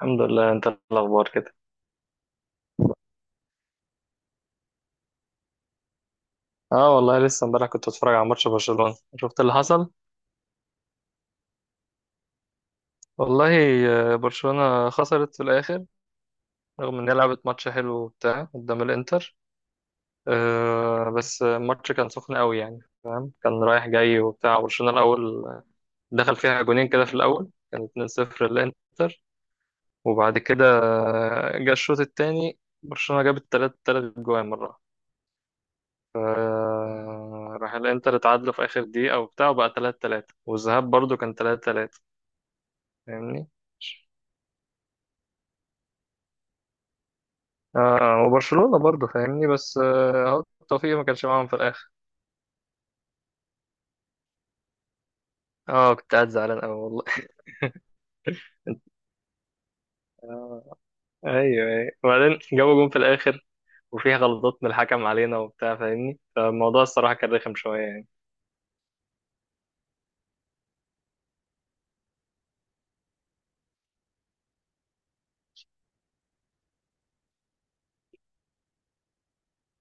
الحمد لله. انت، الاخبار كده؟ اه والله، لسه امبارح كنت بتفرج على ماتش برشلونة. شفت اللي حصل؟ والله برشلونة خسرت في الاخر. رغم ان هي لعبت ماتش حلو وبتاع قدام الانتر. بس الماتش كان سخن قوي يعني. كان رايح جاي وبتاع. برشلونة الاول دخل فيها جونين كده، في الاول كان 2-0 للانتر. وبعد كده جه الشوط التاني، برشلونة جابت تلات تلات جوان مرة. راح الانتر اتعادلوا في اخر دقيقة وبتاع، وبقى 3-3، والذهاب برضو كان 3-3. فاهمني؟ وبرشلونة برضو فاهمني، بس اهو التوفيق ما كانش معاهم في الاخر. اه، كنت قاعد زعلان قوي والله. آه ايوه ايوه، وبعدين جابوا جون في الاخر. وفيها غلطات من الحكم علينا وبتاع فاهمني، فالموضوع الصراحة كان رخم شوية يعني.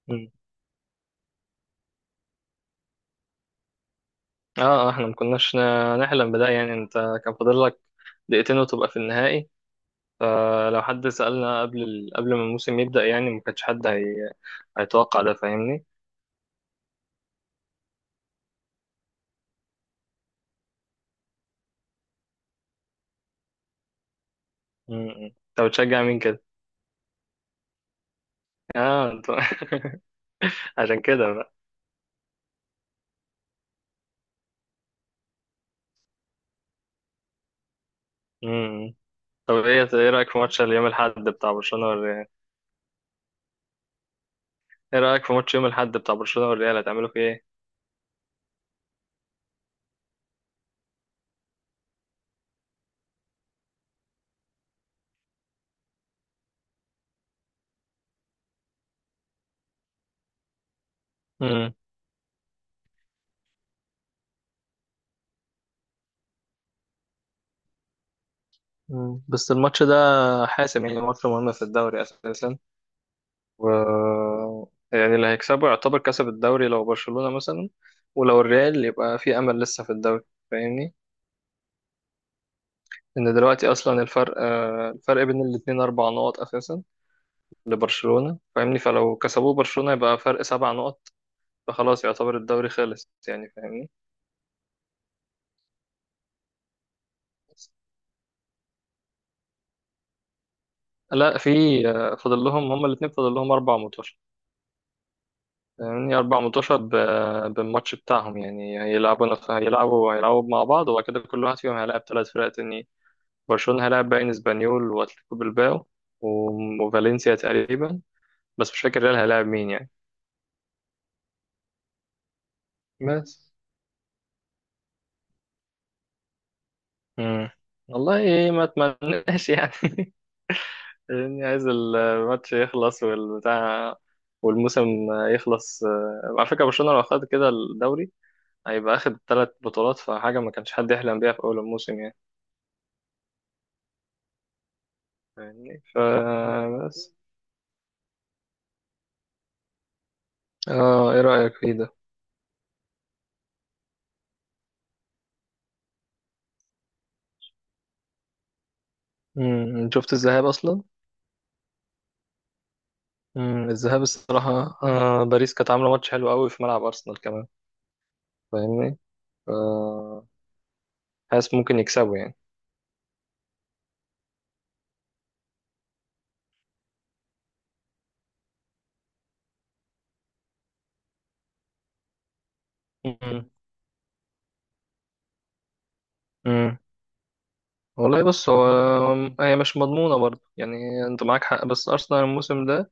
مم. اه. احنا ما كناش نحلم بده يعني. انت كان فاضل لك دقيقتين وتبقى في النهائي. فلو حد سألنا قبل ما الموسم يبدأ، يعني ما كانش حد هيتوقع ده. فاهمني؟ م- م. طب بتشجع مين كده؟ اه. عشان كده بقى. م- م. طب ايه رأيك في ماتش اليوم الأحد بتاع برشلونة والريال؟ ايه رأيك في ماتش يوم الأحد بتاع برشلونة والريال؟ هتعملوا فيه ايه؟ م- م. بس الماتش ده حاسم يعني. ماتش مهم في الدوري أساسا. و يعني اللي هيكسبه يعتبر كسب الدوري لو برشلونة مثلا. ولو الريال يبقى في أمل لسه في الدوري. فاهمني؟ ان دلوقتي اصلا الفرق بين الاتنين 4 نقط اساسا لبرشلونة. فاهمني؟ فلو كسبوه برشلونة يبقى فرق 7 نقط، فخلاص يعتبر الدوري خلص يعني. فاهمني؟ لا، في. فاضل لهم هما الاتنين، فاضل لهم 4 ماتشات. فاهمني؟ 4 ماتشات بالماتش بتاعهم يعني هيلعبوا نف- هيلعبوا هيلعبوا مع بعض. وبعد كده كل واحد فيهم هيلاعب 3 فرق تانيين. برشلونة هيلاعب باين اسبانيول واتلتيكو بلباو وفالنسيا تقريبا. بس مش فاكر ريال هيلاعب مين يعني. بس مم. والله ما اتمناش يعني. يعني عايز الماتش يخلص والبتاع والموسم يخلص. على فكرة، برشلونة لو خد كده الدوري هيبقى اخد 3 بطولات، فحاجة ما كانش حد يحلم بيها في أول الموسم يعني. فاهمني؟ فبس. اه، ايه رأيك فيه ده؟ مم. شفت الذهاب أصلا؟ مم. الذهاب الصراحة باريس كانت عاملة ماتش حلو قوي في ملعب أرسنال كمان. فاهمني؟ ف- حاسس ممكن يكسبوا يعني. مم. والله بص، هي مش مضمونة برضه يعني. انت معاك حق، بس أرسنال الموسم ده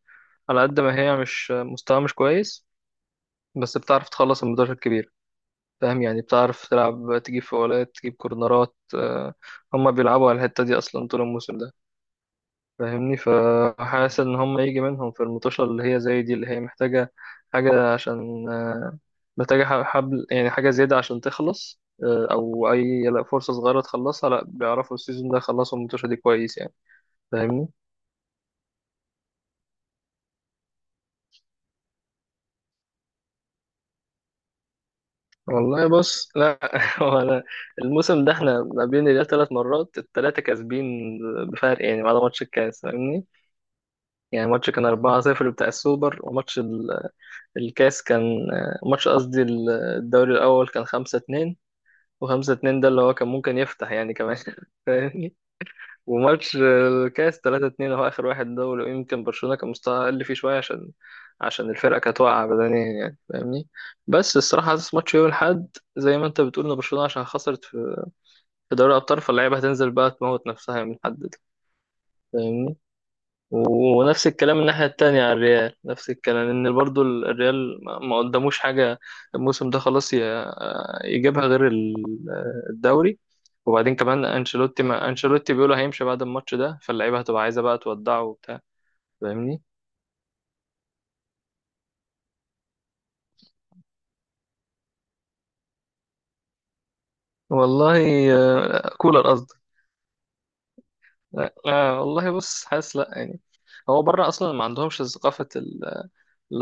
على قد ما هي مش مستوى، مش كويس، بس بتعرف تخلص الماتشات الكبيرة. فاهم يعني؟ بتعرف تلعب، تجيب فاولات تجيب كورنرات، هما بيلعبوا على الحتة دي أصلا طول الموسم ده. فاهمني؟ فحاسس إن هما يجي منهم في المطوشة اللي هي زي دي، اللي هي محتاجة حاجة عشان محتاجة حبل يعني، حاجة زيادة عشان تخلص، أو أي، لا، فرصة صغيرة تخلصها، لا، بيعرفوا السيزون ده يخلصوا المطوشة دي كويس يعني. فاهمني؟ والله بص، لا انا الموسم ده احنا ما بين الريال 3 مرات، الثلاثه كاسبين بفرق يعني، بعد ماتش الكاس. فاهمني؟ يعني ماتش كان 4-0 بتاع السوبر، وماتش الكاس كان ماتش، قصدي الدوري الاول كان 5-2، و5-2 ده اللي هو كان ممكن يفتح يعني كمان فاهمني؟ وماتش الكاس 3-2 اهو، اخر واحد ده، ولو يمكن برشلونة كان مستواها اقل فيه شوية، عشان الفرقة كانت واقعة بدنيا يعني. فاهمني؟ بس الصراحة حاسس ماتش يوم الأحد، زي ما انت بتقول، ان برشلونة عشان خسرت في دوري الأبطال، فاللعيبة هتنزل بقى تموت نفسها من الحد ده. فاهمني؟ ونفس الكلام الناحية التانية على الريال، نفس الكلام، ان برضو الريال ما قدموش حاجة الموسم ده، خلاص يجيبها غير الدوري. وبعدين كمان، انشيلوتي ما انشيلوتي بيقولوا هيمشي بعد الماتش ده، فاللعيبة هتبقى عايزة بقى تودعه وبتاع. فاهمني؟ والله، كولر قصدي. لا لا، والله بص، حاسس لا يعني. هو بره اصلا ما عندهمش ثقافة اللي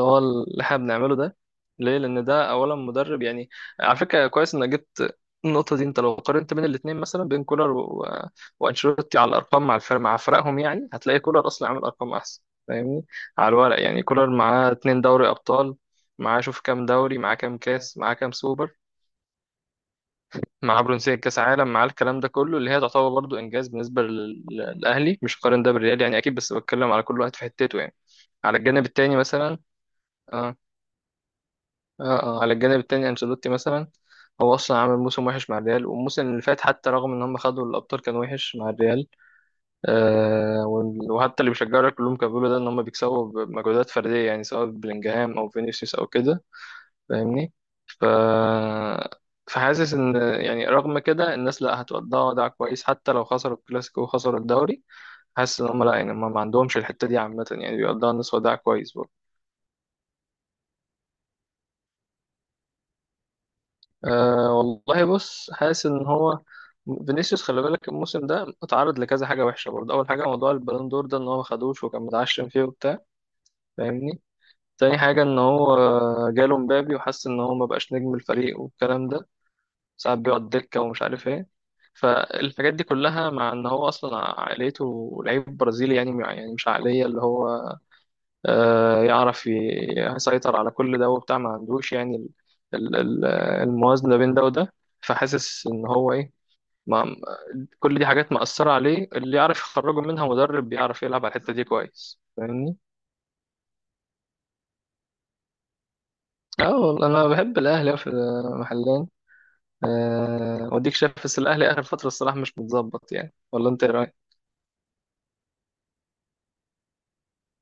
هو، اللي احنا بنعمله ده. ليه؟ لان ده اولا مدرب يعني. على فكره، كويس انك جبت النقطه دي. انت لو قارنت بين الاثنين مثلا، بين كولر و... وانشيلوتي، على الارقام مع الفرق، مع فرقهم يعني، هتلاقي كولر اصلا عامل ارقام احسن. فاهمني؟ على الورق يعني، كولر معاه 2 دوري ابطال، معاه شوف كام دوري، معاه كام كاس، معاه كام سوبر، معاه برونزيه كاس عالم، معاه الكلام ده كله اللي هي تعتبر برضو انجاز بالنسبه للاهلي. مش قارن ده بالريال يعني اكيد، بس بتكلم على كل واحد في حتته يعني. على الجانب التاني مثلا آه، اه على الجانب التاني انشيلوتي مثلا، هو اصلا عامل موسم وحش مع الريال، والموسم اللي فات حتى، رغم ان هم خدوا الابطال، كان وحش مع الريال. آه وال- وحتى اللي بيشجعوا كلهم كانوا بيقولوا ده، ان هم بيكسبوا بمجهودات فرديه يعني، سواء بلينجهام او فينيسيوس او كده. فاهمني؟ ف فحاسس ان، يعني رغم كده الناس، لا، هتودعوا ودع كويس حتى لو خسروا الكلاسيكو وخسروا الدوري. حاسس ان هم لا يعني، هم ما عندهمش الحته دي عامه يعني، بيودعوا الناس ودع كويس. أه والله بص، حاسس ان هو، فينيسيوس خلي بالك الموسم ده اتعرض لكذا حاجه وحشه برضه. اول حاجه موضوع البالون دور ده، ان هو ما خدوش وكان متعشم فيه وبتاع. فاهمني؟ تاني حاجه، ان هو جاله مبابي وحس ان هو ما بقاش نجم الفريق والكلام ده، ساعات بيقعد دكه ومش عارف ايه. فالحاجات دي كلها، مع ان هو اصلا عائلته لعيب برازيلي يعني، مش عقليه اللي هو، يعرف يسيطر على كل ده وبتاع، ما عندوش يعني ال- ال- الموازنة بين ده وده. فحاسس ان هو ايه، ما كل دي حاجات مأثرة عليه، اللي يعرف يخرجه منها مدرب بيعرف يلعب على الحتة دي كويس. فاهمني؟ اه والله انا بحب الاهلي في محلين. وديك شايف بس الاهلي اخر فترة الصراحة مش متظبط يعني، ولا انت ايه رايك؟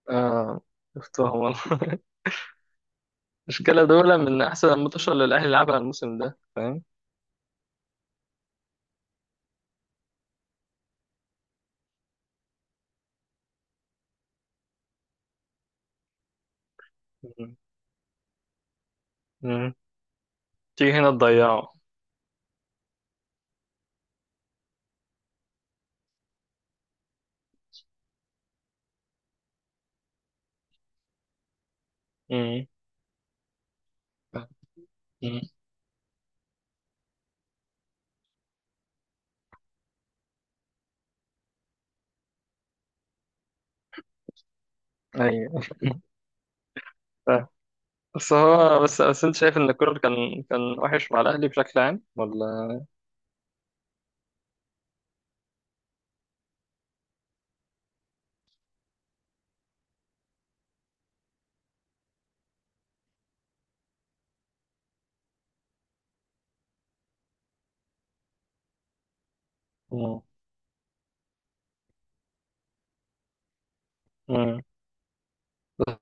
اه، شفتهم والله المشكلة دول من احسن الماتشات اللي الاهلي لعبها الموسم ده. فاهم؟ مم. مم. تيجي هنا تضيعه. امم، امم، ايوه، فاهم. بس هو، بس انت شايف ان الكولر كان وحش مع الاهلي بشكل عام ولا؟ امم، امم.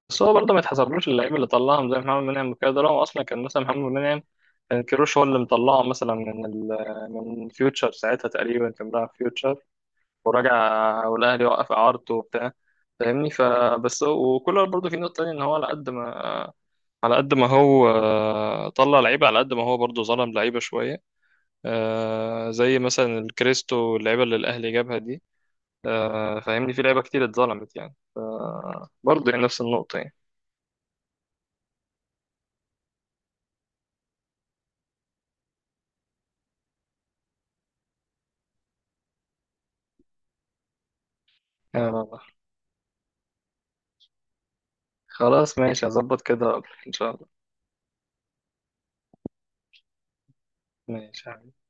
بس هو برضه ما يتحسبلوش اللعيبه اللي طلعهم زي محمد منعم وكده. ده هو اصلا كان مثلا محمد منعم كان كيروش هو اللي مطلعه مثلا من فيوتشر ساعتها، تقريبا كان بيلعب فيوتشر. ورجع، والاهلي وقف اعارته وبتاع. فاهمني؟ فبس هو وكولر برضه في نقطه تانيه، ان هو على قد ما هو طلع لعيبه، على قد ما هو برضه ظلم لعيبه شويه. زي مثلا الكريستو، اللعيبة اللي الأهلي جابها دي. فاهمني؟ في لعيبة كتير اتظلمت يعني، برضه يعني نفس النقطة يعني. آه خلاص، ماشي، هظبط كده وأقولك إن شاء الله. ماشي.